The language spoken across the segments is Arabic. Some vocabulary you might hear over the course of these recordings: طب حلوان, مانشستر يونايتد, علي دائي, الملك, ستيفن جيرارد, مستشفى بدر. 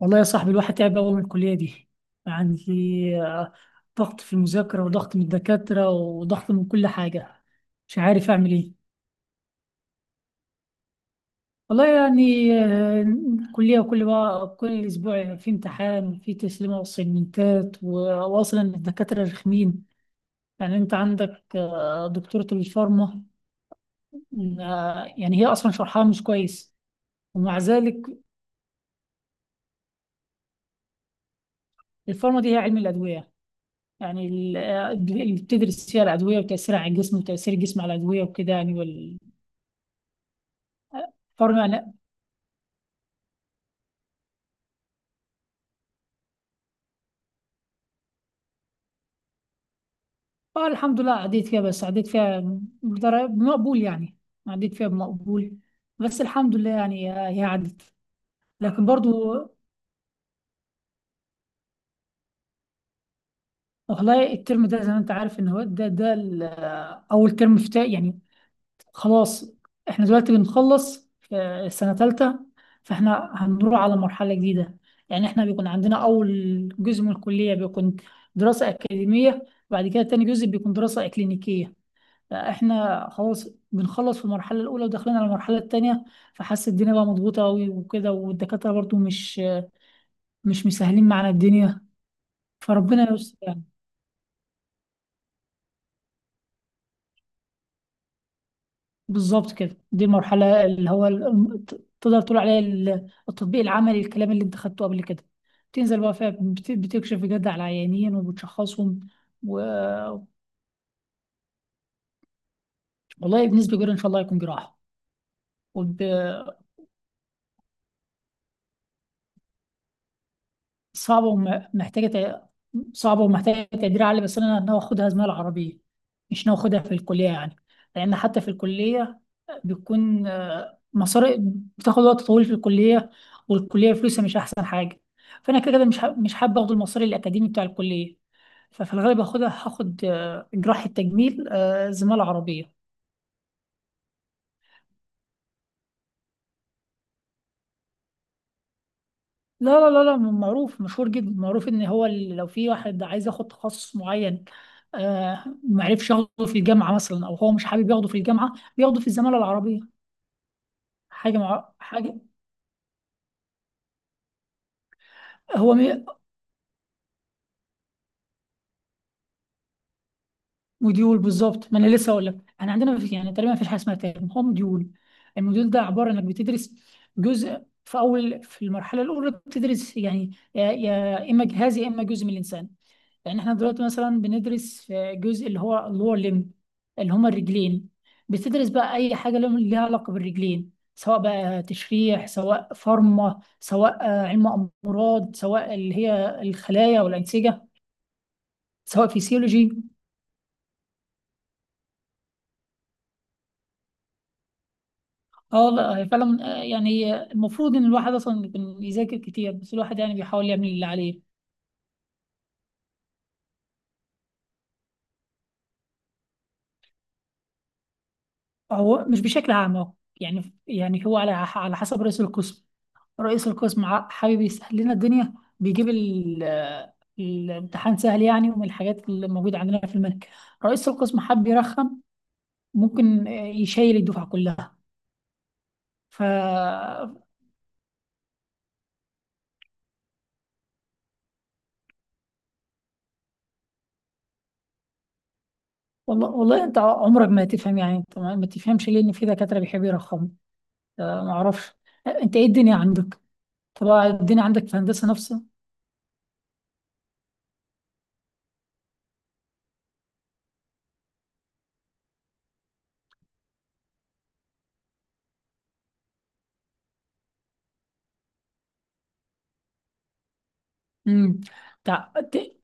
والله يا صاحبي الواحد تعب أوي من الكلية دي يعني. آه، ضغط في المذاكرة وضغط من الدكاترة وضغط من كل حاجة. مش عارف أعمل إيه. والله يعني كلية بقى كل أسبوع في امتحان في تسليمة وسيمنتات، وأصلا الدكاترة رخمين. يعني أنت عندك دكتورة الفارما. يعني هي أصلا شرحها مش كويس. ومع ذلك الفارما دي هي علم الأدوية، يعني اللي بتدرس فيها الأدوية وتأثيرها على الجسم وتأثير الجسم على الأدوية وكده يعني. والفارما يعني الحمد لله عديت فيها. بس عديت فيها بدرجة بمقبول يعني. عديت فيها بمقبول بس الحمد لله يعني. هي عدت. لكن برضو والله الترم ده زي ما انت عارف ان هو ده اول ترم يعني. خلاص، احنا دلوقتي بنخلص في السنة تالتة، فاحنا هنروح على مرحلة جديدة. يعني احنا بيكون عندنا أول جزء من الكلية بيكون دراسة أكاديمية، بعد كده تاني جزء بيكون دراسة إكلينيكية. فاحنا خلاص بنخلص في المرحلة الأولى وداخلين على المرحلة التانية، فحاسس الدنيا بقى مضغوطة أوي وكده، والدكاترة برضو مش مسهلين معانا الدنيا. فربنا يستر يعني. بالظبط كده، دي المرحلة اللي هو تقدر تقول عليها التطبيق العملي. الكلام اللي انت خدته قبل كده تنزل بقى فيها، بتكشف بجد على العيانين وبتشخصهم و... والله بنسبة كبيرة إن شاء الله يكون جراحة. وب... صعبة ومحتاجة تع- صعبة ومحتاجة تقدير عالي، بس أنا ناوي أخدها زمالة عربية. مش ناوي أخدها في الكلية يعني، لأن حتى في الكلية بيكون مصاري. بتاخد وقت طويل في الكلية، والكلية فلوسها مش أحسن حاجة، فأنا كده كده مش حابة أخد المصاري الأكاديمي بتاع الكلية. ففي الغالب هاخد جراحة تجميل، زمالة عربية. لا، لا، لا، لا، معروف، مشهور جدا، معروف إن هو لو في واحد عايز ياخد تخصص معين آه، معرفش ياخده في الجامعة مثلا، أو هو مش حابب ياخده في الجامعة بياخده في الزمالة العربية. حاجة. هو م... موديول بالظبط. ما انا لسه اقول لك، احنا عندنا مفيش يعني تقريبا مفيش حاجه اسمها ترم، هو موديول. الموديول ده عباره انك بتدرس جزء في المرحله الاولى. بتدرس يعني يا اما جهاز يا اما جزء من الانسان. يعني احنا دلوقتي مثلا بندرس في جزء اللي هو اللور ليمب، اللي هما الرجلين. بتدرس بقى اي حاجه ليها علاقه بالرجلين، سواء بقى تشريح، سواء فارما، سواء علم امراض، سواء اللي هي الخلايا والانسجه، سواء فيسيولوجي. اه والله هي فعلا يعني هي المفروض ان الواحد اصلا يذاكر كتير، بس الواحد يعني بيحاول يعمل اللي عليه. هو مش بشكل عام اهو، يعني هو على حسب رئيس القسم. رئيس القسم حابب يسهل لنا الدنيا، بيجيب الامتحان سهل يعني، ومن الحاجات اللي موجودة عندنا في الملك، رئيس القسم حب يرخم ممكن يشيل الدفعة كلها. ف والله، والله انت عمرك ما هتفهم. يعني انت ما تفهمش ليه ان في دكاترة بيحبوا يرخموا. ما اعرفش. انت ايه الدنيا عندك؟ طب الدنيا عندك في الهندسة نفسها؟ امم. تع... ت-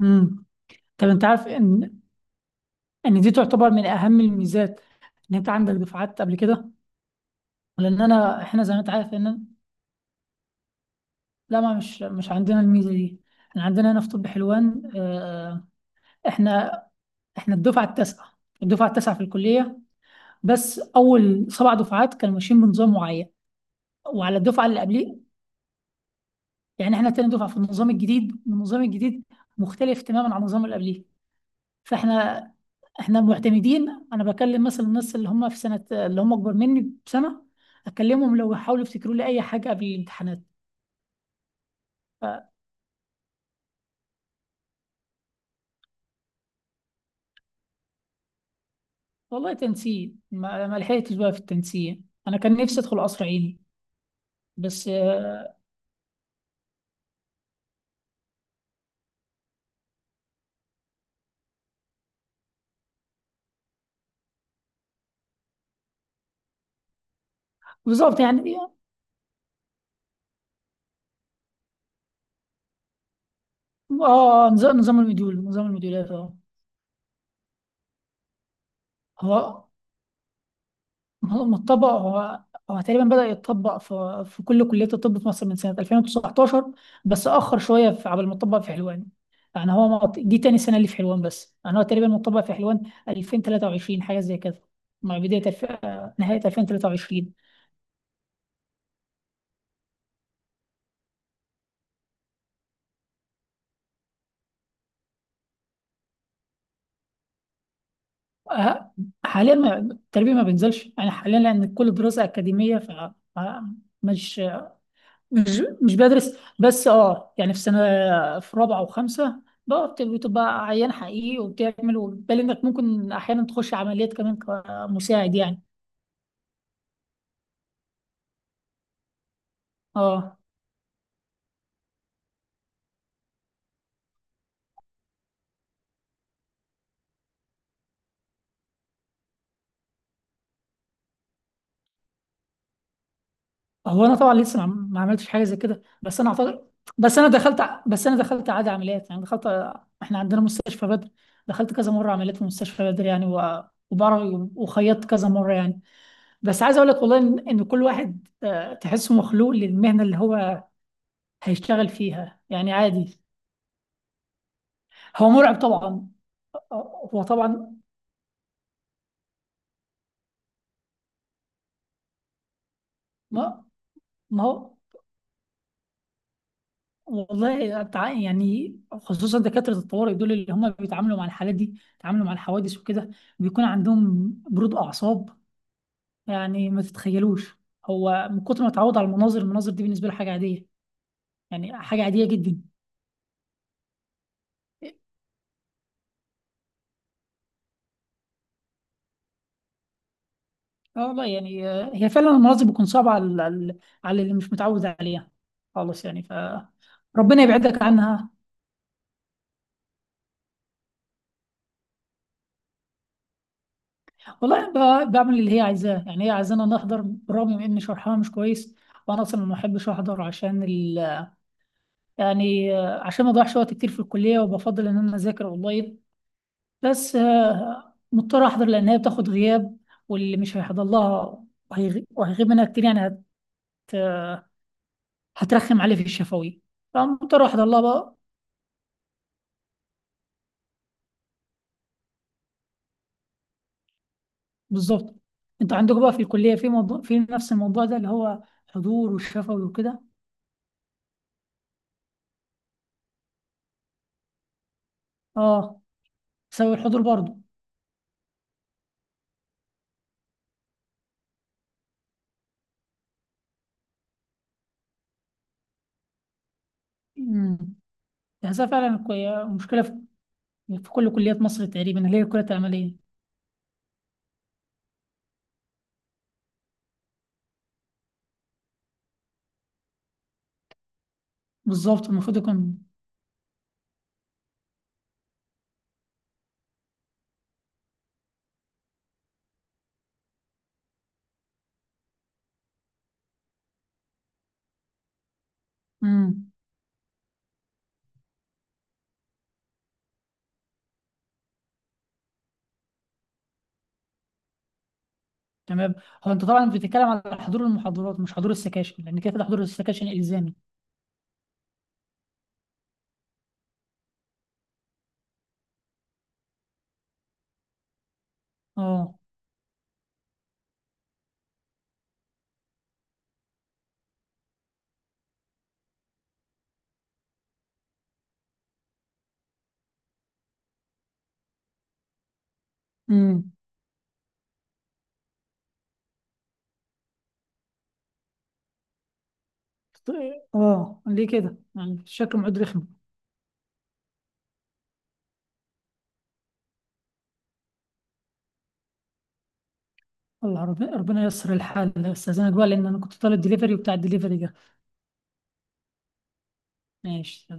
امم. طب انت عارف ان دي تعتبر من اهم الميزات، ان انت عندك دفعات قبل كده، لان احنا زي ما انت عارف ان. لا، ما مش عندنا الميزة دي. احنا عندنا هنا في طب حلوان احنا الدفعة التاسعة، الدفعة التاسعة في الكلية. بس اول سبع دفعات كانوا ماشيين بنظام معين، وعلى الدفعة اللي قبليه. يعني احنا تاني دفعة في النظام الجديد، والنظام الجديد مختلف تماما عن النظام اللي قبليه. فاحنا معتمدين. انا بكلم مثلا الناس اللي هم في سنه اللي هم اكبر مني بسنه، اكلمهم لو حاولوا يفتكروا لي اي حاجه قبل الامتحانات. ف- والله تنسيق، ما لحقتش بقى في التنسيق. انا كان نفسي ادخل قصر عيني. بس بالظبط يعني. اه، نظام المديول، نظام المديولات. اه. هو ما هو ما اتطبق. هو تقريبا بدأ يتطبق في كل كليات الطب في مصر من سنة 2019، بس أخر شوية في قبل ما اتطبق في حلوان. يعني هو دي تاني سنة اللي في حلوان، بس يعني هو تقريبا متطبق في حلوان 2023، حاجة زي كده، مع بداية الف... آه، نهاية 2023. آه، حاليا التربية ما بينزلش يعني حاليا، لأن كل دراسة أكاديمية. ف- مش مش بدرس بس. اه يعني في سنه، في رابعه وخمسه، بقى بتبقى عيان حقيقي وبتعمل، وبالي انك ممكن احيانا تخش عمليات كمان كمساعد يعني. اه، هو انا طبعا لسه ما عملتش حاجه زي كده، بس انا اعتقد. بس انا دخلت عادي عمليات يعني، دخلت. احنا عندنا مستشفى بدر، دخلت كذا مره عمليات في مستشفى بدر يعني، وبعرف وخيطت كذا مره يعني. بس عايز اقول لك والله ان كل واحد تحسه مخلوق للمهنه اللي هو هيشتغل فيها، يعني عادي. هو مرعب طبعا. هو طبعا. ما ما هو. والله يعني خصوصا دكاترة الطوارئ دول، اللي هم بيتعاملوا مع الحالات دي، بيتعاملوا مع الحوادث وكده، بيكون عندهم برود أعصاب. يعني ما تتخيلوش، هو من كتر ما اتعود على المناظر دي، بالنسبة له حاجة عادية، يعني حاجة عادية جدا. اه، والله يعني هي فعلا المناظر بتكون صعبة على اللي مش متعود عليها خالص يعني. ربنا يبعدك عنها. والله بعمل اللي هي عايزاه، يعني هي عايزانا نحضر برغم من ان شرحها مش كويس. وانا اصلا ما بحبش احضر عشان يعني عشان ما اضيعش وقت كتير في الكليه، وبفضل ان انا اذاكر اونلاين. بس مضطر احضر لان هي بتاخد غياب، واللي مش هيحضر لها وهيغيب منها كتير يعني هترخم عليه في الشفوي، فمضطر احضر لها بقى. بالظبط. انتوا عندكم بقى في الكليه في نفس الموضوع ده، اللي هو حضور والشفوي وكده؟ اه، بسبب الحضور. برضه تحسها فعلا مشكلة في كل كليات مصر تقريبا، اللي هي كلية العملية. بالظبط، المفروض يكون. امم، تمام. هو انت طبعا بتتكلم على حضور المحاضرات، مش حضور السكاشن، لان كده كده حضور السكاشن الزامي. اه. امم. اه. ليه كده يعني؟ شكله معد رخم. والله ربنا ييسر الحال. استاذنك بقى، لان انا كنت طالب دليفري، وبتاع الدليفري ده ماشي.